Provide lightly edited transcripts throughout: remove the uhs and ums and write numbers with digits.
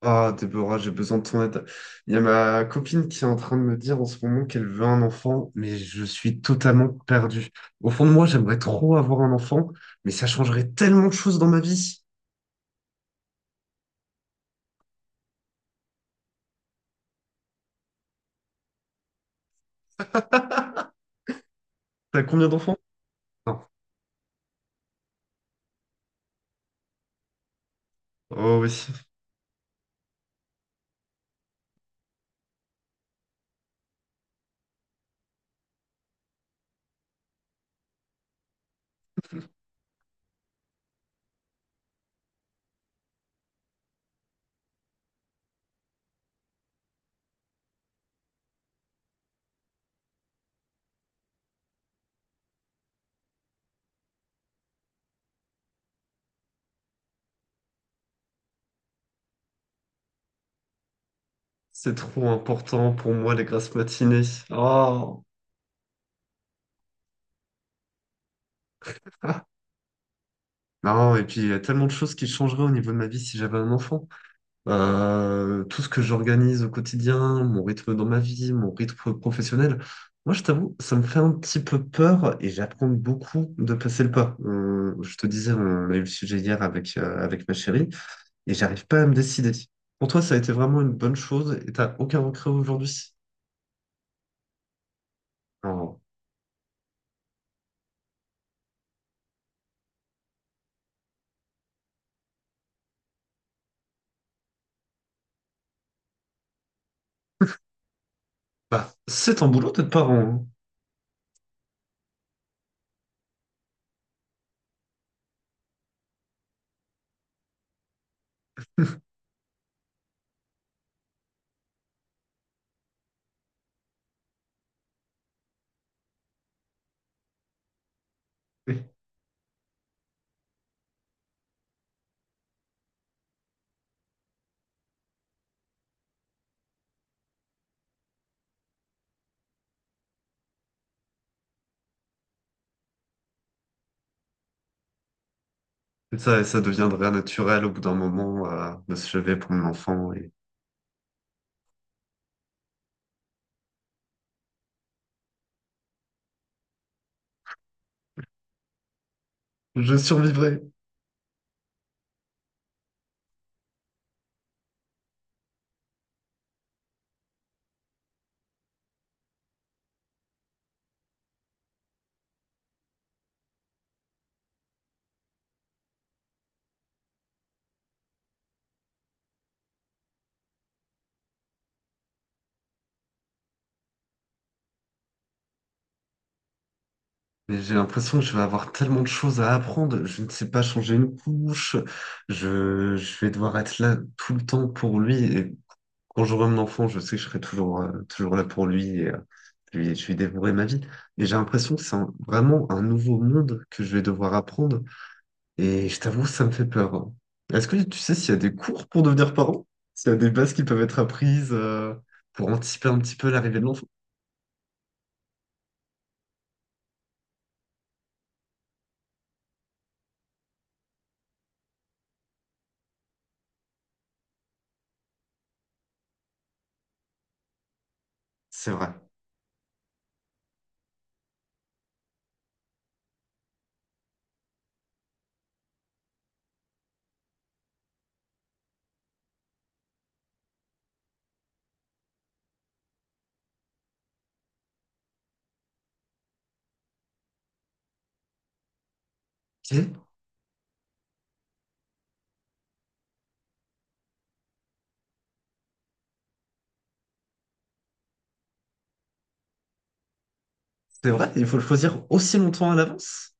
Ah, Déborah, j'ai besoin de ton aide. Il y a ma copine qui est en train de me dire en ce moment qu'elle veut un enfant, mais je suis totalement perdu. Au fond de moi, j'aimerais trop avoir un enfant, mais ça changerait tellement de choses dans ma vie. T'as combien d'enfants? Non. Oh oui, c'est trop important pour moi, les grasses matinées. Oh. Ah. Non, et puis il y a tellement de choses qui changeraient au niveau de ma vie si j'avais un enfant. Tout ce que j'organise au quotidien, mon rythme dans ma vie, mon rythme professionnel. Moi, je t'avoue, ça me fait un petit peu peur et j'apprends beaucoup de passer le pas. Je te disais, on a eu le sujet hier avec, avec ma chérie et j'arrive pas à me décider. Pour toi, ça a été vraiment une bonne chose et t'as aucun regret aujourd'hui. Alors, bah, c'est ton boulot d'être parent, hein. Oui. Et ça deviendrait naturel au bout d'un moment, de se lever pour mon enfant et je survivrai. Mais j'ai l'impression que je vais avoir tellement de choses à apprendre. Je ne sais pas changer une couche. Je vais devoir être là tout le temps pour lui. Et quand j'aurai mon enfant, je sais que je serai toujours, toujours là pour lui. Et, je lui dévorerai ma vie. Et j'ai l'impression que c'est vraiment un nouveau monde que je vais devoir apprendre. Et je t'avoue, ça me fait peur, hein. Est-ce que tu sais s'il y a des cours pour devenir parent? S'il y a des bases qui peuvent être apprises, pour anticiper un petit peu l'arrivée de l'enfant? C'est vrai. Ok. C'est vrai, il faut le choisir aussi longtemps à l'avance?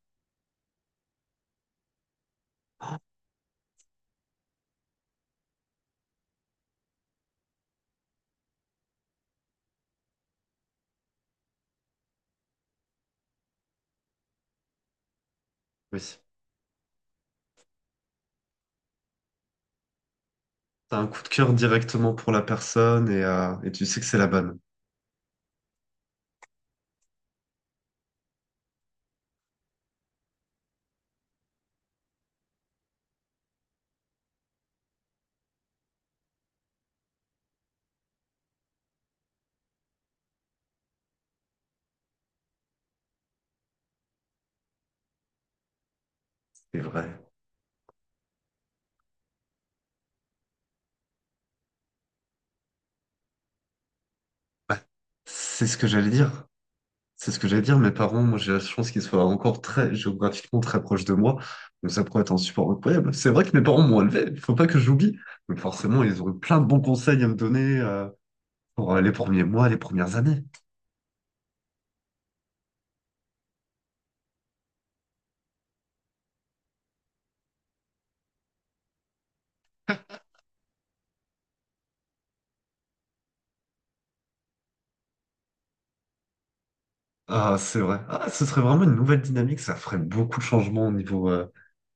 Oui. T'as un coup de cœur directement pour la personne et tu sais que c'est la bonne. C'est vrai. Bah, c'est ce que j'allais dire. C'est ce que j'allais dire. Mes parents, moi, j'ai la chance qu'ils soient encore très géographiquement très proches de moi. Donc ça pourrait être un support incroyable. C'est vrai que mes parents m'ont élevé. Il faut pas que j'oublie. Donc forcément, ils ont eu plein de bons conseils à me donner pour les premiers mois, les premières années. Ah, c'est vrai. Ah, ce serait vraiment une nouvelle dynamique, ça ferait beaucoup de changements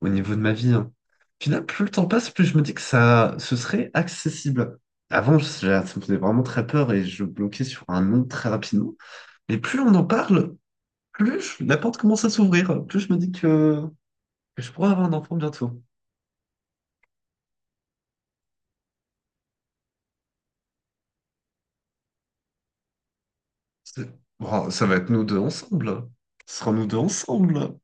au niveau de ma vie, hein. Puis là, plus le temps passe, plus je me dis que ça, ce serait accessible. Avant, ça me faisait vraiment très peur et je bloquais sur un nom très rapidement. Mais plus on en parle, plus la porte commence à s'ouvrir, plus je me dis que je pourrais avoir un enfant bientôt. C'est- Oh, ça va être nous deux ensemble. Ce sera nous deux ensemble.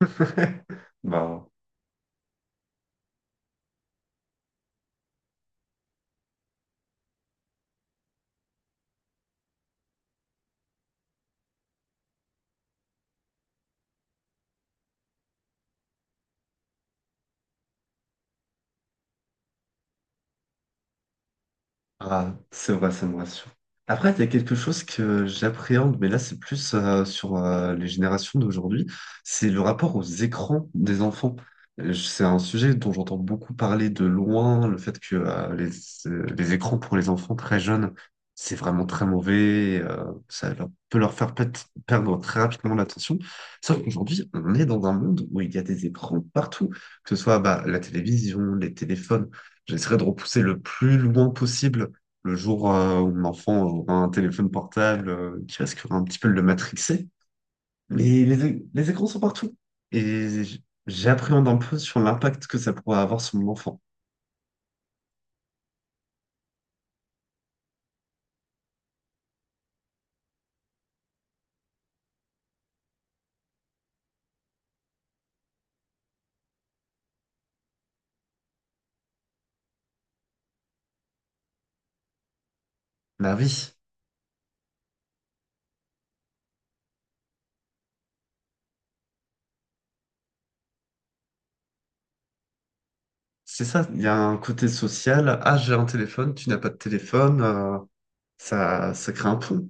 Bah. Ah, c'est vrai, ça me rassure. Après, il y a quelque chose que j'appréhende, mais là, c'est plus sur les générations d'aujourd'hui, c'est le rapport aux écrans des enfants. C'est un sujet dont j'entends beaucoup parler de loin, le fait que les écrans pour les enfants très jeunes, c'est vraiment très mauvais, ça peut leur faire perdre très rapidement l'attention. Sauf qu'aujourd'hui, on est dans un monde où il y a des écrans partout, que ce soit bah, la télévision, les téléphones. J'essaierai de repousser le plus loin possible le jour où l'enfant aura un téléphone portable qui risquera un petit peu de le matrixer. Mais les écrans sont partout. Et j'appréhende un peu sur l'impact que ça pourrait avoir sur mon enfant. La vie, c'est ça. Il y a un côté social. Ah, j'ai un téléphone, tu n'as pas de téléphone. Ça, ça crée un pont.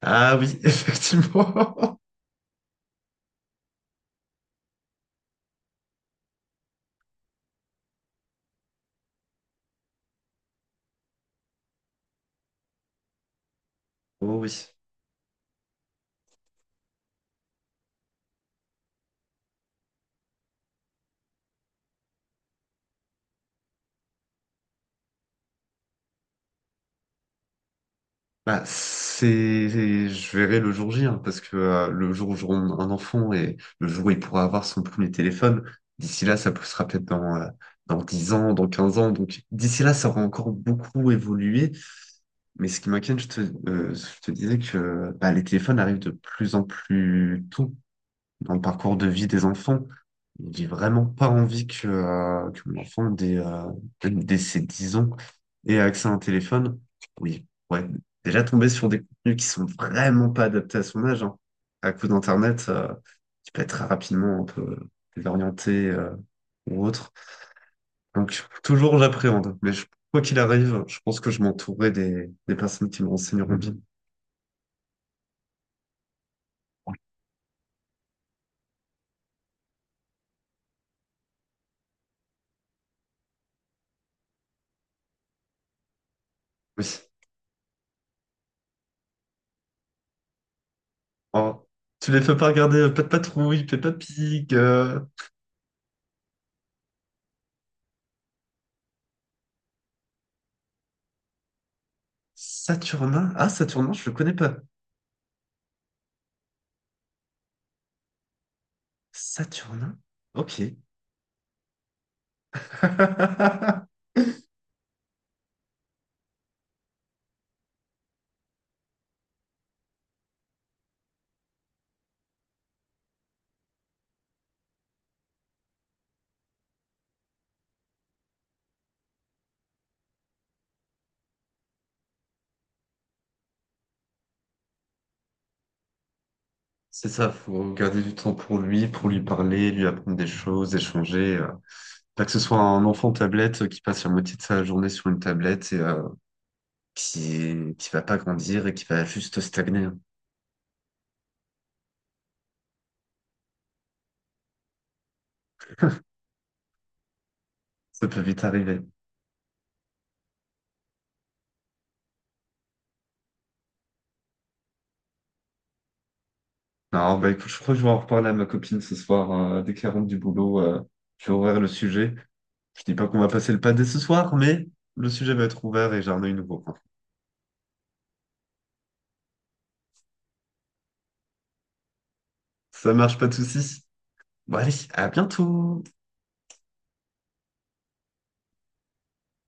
Ah oui, effectivement. Oh oui. Bah, je verrai le jour J, hein, parce que le jour où j'aurai un enfant et le jour où il pourra avoir son premier téléphone, d'ici là, ça sera peut-être dans, dans 10 ans, dans 15 ans. Donc, d'ici là, ça aura encore beaucoup évolué. Mais ce qui m'inquiète, je te disais que bah, les téléphones arrivent de plus en plus tôt dans le parcours de vie des enfants. J'ai vraiment pas envie que mon enfant, dès ses 10 ans, ait accès à un téléphone. Oui, ouais, déjà tomber sur des contenus qui sont vraiment pas adaptés à son âge, hein. À coup d'Internet, qui peut être très rapidement un peu désorienté, ou autre. Donc, toujours j'appréhende. Mais quoi qu'il arrive, je pense que je m'entourerai des personnes qui me renseigneront bien. Oui. Oh, tu les fais pas regarder Pat' Patrouille, Peppa Pig, Saturnin? Ah, Saturnin, je le connais pas. Saturnin? Ok. C'est ça, faut garder du temps pour lui parler, lui apprendre des choses, échanger. Pas que ce soit un enfant tablette qui passe la moitié de sa journée sur une tablette et qui va pas grandir et qui va juste stagner, hein. Ça peut vite arriver. Non, bah écoute, je crois que je vais en reparler à ma copine ce soir, hein, dès qu'elle rentre du boulot. Je vais ouvrir le sujet. Je dis pas qu'on va passer le pâté ce soir, mais le sujet va être ouvert et j'en ai une nouveau. Ça marche, pas de soucis. Bon, allez, à bientôt.